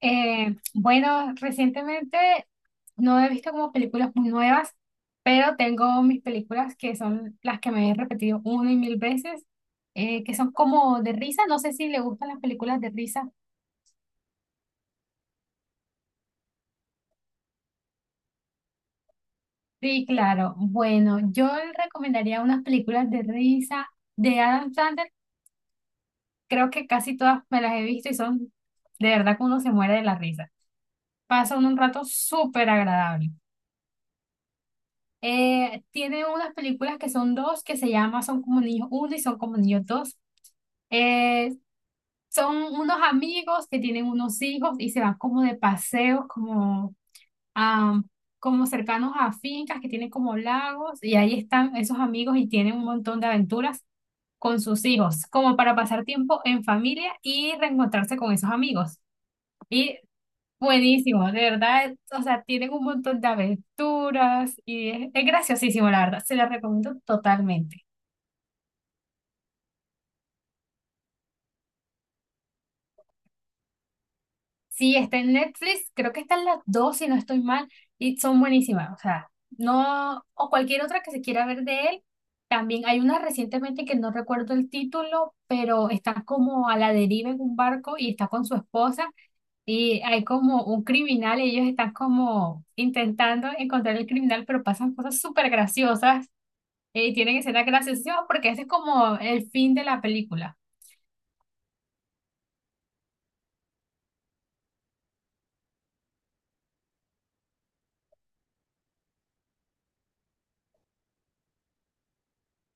Bueno, recientemente no he visto como películas muy nuevas, pero tengo mis películas que son las que me he repetido una y mil veces, que son como de risa. No sé si le gustan las películas de risa. Sí, claro. Bueno, yo le recomendaría unas películas de risa de Adam Sandler. Creo que casi todas me las he visto y son de verdad que uno se muere de la risa. Pasa uno un rato súper agradable. Tiene unas películas que son dos, que se llama Son como niños uno y Son como niños dos. Eh, Son unos amigos que tienen unos hijos y se van como de paseos, a como cercanos a fincas que tienen como lagos y ahí están esos amigos y tienen un montón de aventuras con sus hijos, como para pasar tiempo en familia y reencontrarse con esos amigos. Y Buenísimo, de verdad, o sea, tienen un montón de aventuras y es graciosísimo, la verdad, se la recomiendo totalmente. Sí, está en Netflix, creo que están las dos, si no estoy mal, y son buenísimas, o sea, no, o cualquier otra que se quiera ver de él, también hay una recientemente que no recuerdo el título, pero está como a la deriva en un barco y está con su esposa y hay como un criminal, y ellos están como intentando encontrar el criminal, pero pasan cosas súper graciosas. Y tienen escenas graciosas porque ese es como el fin de la película.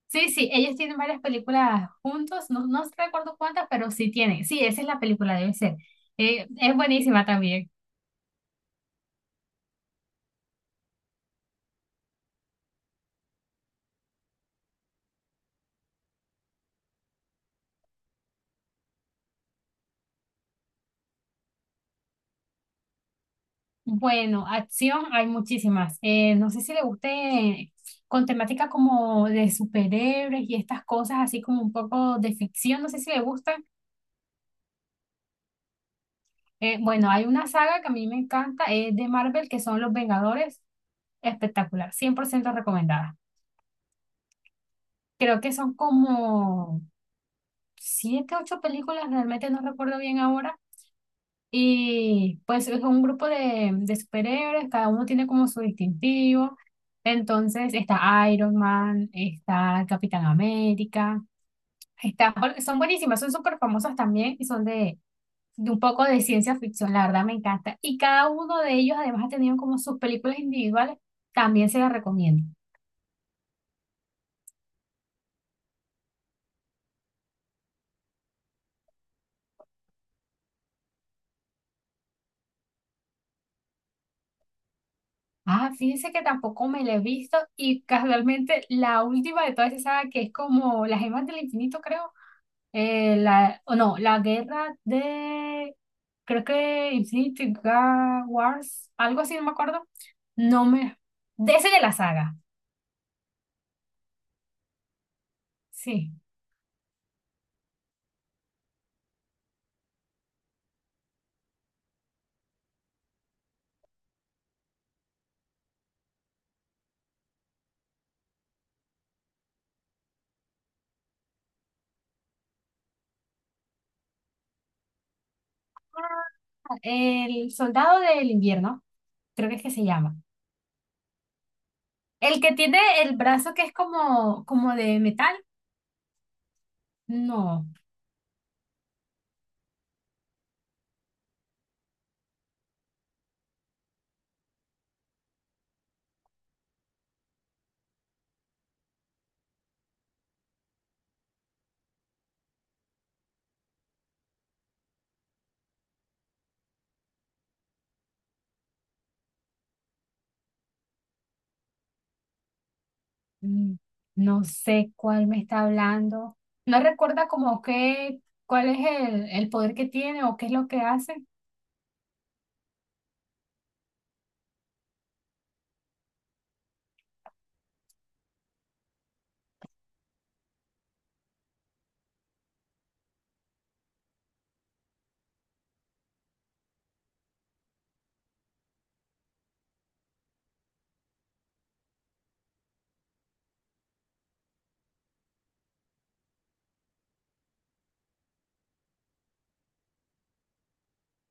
Sí, sí, ellos tienen varias películas juntos, no, no recuerdo cuántas, pero sí tienen. Sí, esa es la película, debe ser. Es buenísima también. Bueno, acción hay muchísimas. No sé si le guste con temática como de superhéroes y estas cosas así como un poco de ficción, no sé si le gusta. Bueno, hay una saga que a mí me encanta, es de Marvel, que son Los Vengadores. Espectacular, 100% recomendada. Creo que son como siete, ocho películas, realmente no recuerdo bien ahora. Y pues es un grupo de, superhéroes, cada uno tiene como su distintivo. Entonces está Iron Man, está Capitán América, está, bueno, son buenísimas, son súper famosas también y son de un poco de ciencia ficción, la verdad me encanta. Y cada uno de ellos además ha tenido como sus películas individuales, también se las recomiendo. Ah, fíjense que tampoco me la he visto y casualmente la última de todas esas que es como las gemas del infinito, creo. O no, la guerra de, creo que Infinity Wars, algo así, no me acuerdo. No me, De ese de la saga, sí. El soldado del invierno, creo que es que se llama. El que tiene el brazo que es como, como de metal, no. Mm, no sé cuál me está hablando. No recuerda como qué, cuál es el poder que tiene o qué es lo que hace.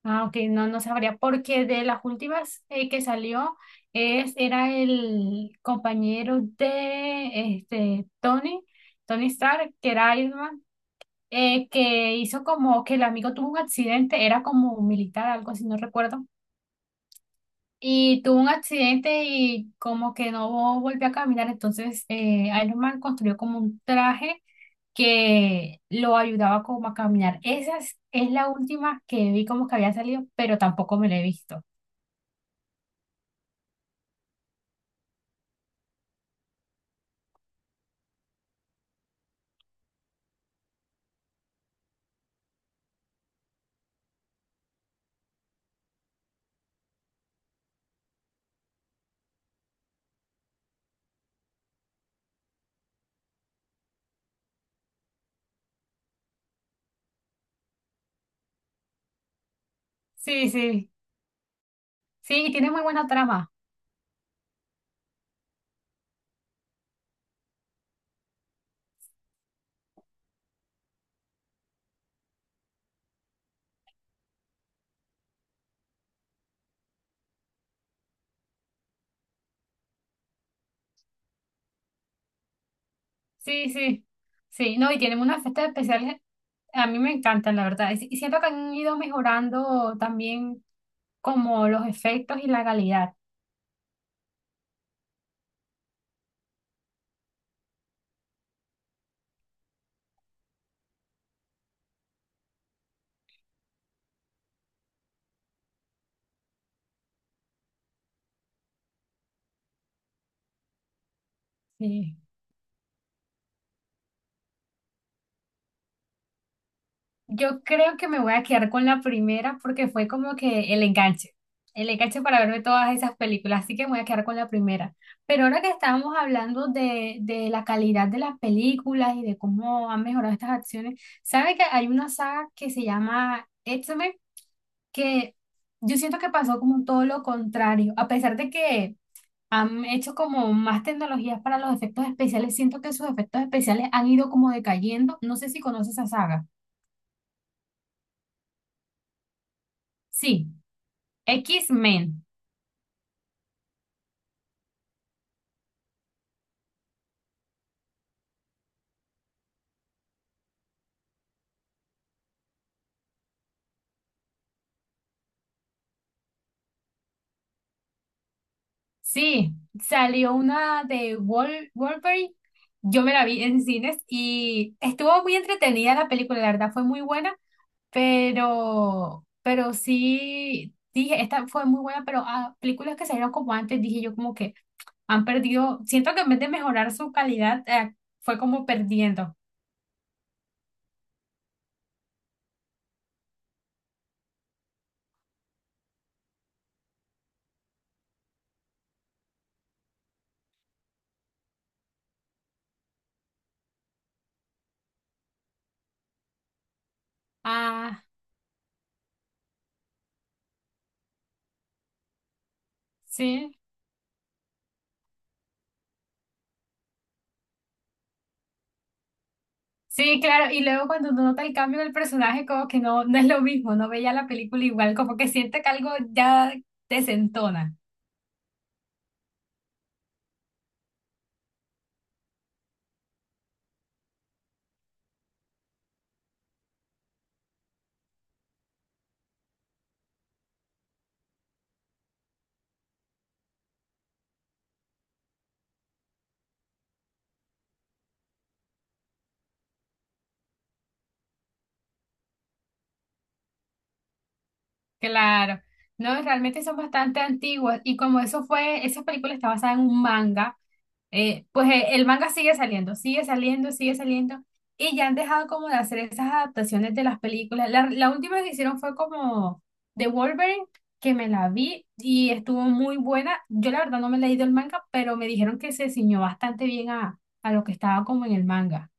Ah, ok, no, no sabría, porque de las últimas que salió era el compañero de este Tony, Tony Stark, que era Iron Man, que hizo como que el amigo tuvo un accidente, era como un militar, algo así, no recuerdo. Y tuvo un accidente y como que no volvió a caminar, entonces Iron Man construyó como un traje que lo ayudaba como a caminar. Esa es la última que vi como que había salido, pero tampoco me la he visto. Sí, sí, sí, y tiene muy buena trama. Sí, sí, sí, no, y tienen unas fiestas especiales, a mí me encantan, la verdad. Y siento que han ido mejorando también como los efectos y la calidad. Sí. Yo creo que me voy a quedar con la primera porque fue como que el enganche para verme todas esas películas, así que me voy a quedar con la primera. Pero ahora que estábamos hablando de, la calidad de las películas y de cómo han mejorado estas acciones, ¿sabe que hay una saga que se llama X-Men? Que yo siento que pasó como todo lo contrario, a pesar de que han hecho como más tecnologías para los efectos especiales, siento que sus efectos especiales han ido como decayendo, no sé si conoces esa saga. Sí. X-Men, sí, salió una de Wolverine. Yo me la vi en cines y estuvo muy entretenida la película, la verdad fue muy buena, pero sí, dije, esta fue muy buena, pero a películas que salieron como antes, dije yo como que han perdido, siento que en vez de mejorar su calidad, fue como perdiendo. Ah, sí. Sí, claro, y luego cuando uno nota el cambio del personaje, como que no, no es lo mismo, no veía la película igual, como que siente que algo ya desentona. Claro, no, realmente son bastante antiguas y como eso fue, esa película está basada en un manga. Pues el manga sigue saliendo, sigue saliendo, sigue saliendo, y ya han dejado como de hacer esas adaptaciones de las películas. La última que hicieron fue como de Wolverine, que me la vi y estuvo muy buena. Yo la verdad no me he leído el manga, pero me dijeron que se ciñó bastante bien a, lo que estaba como en el manga.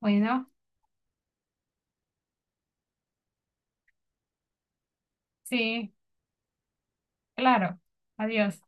Bueno, sí, claro. Adiós.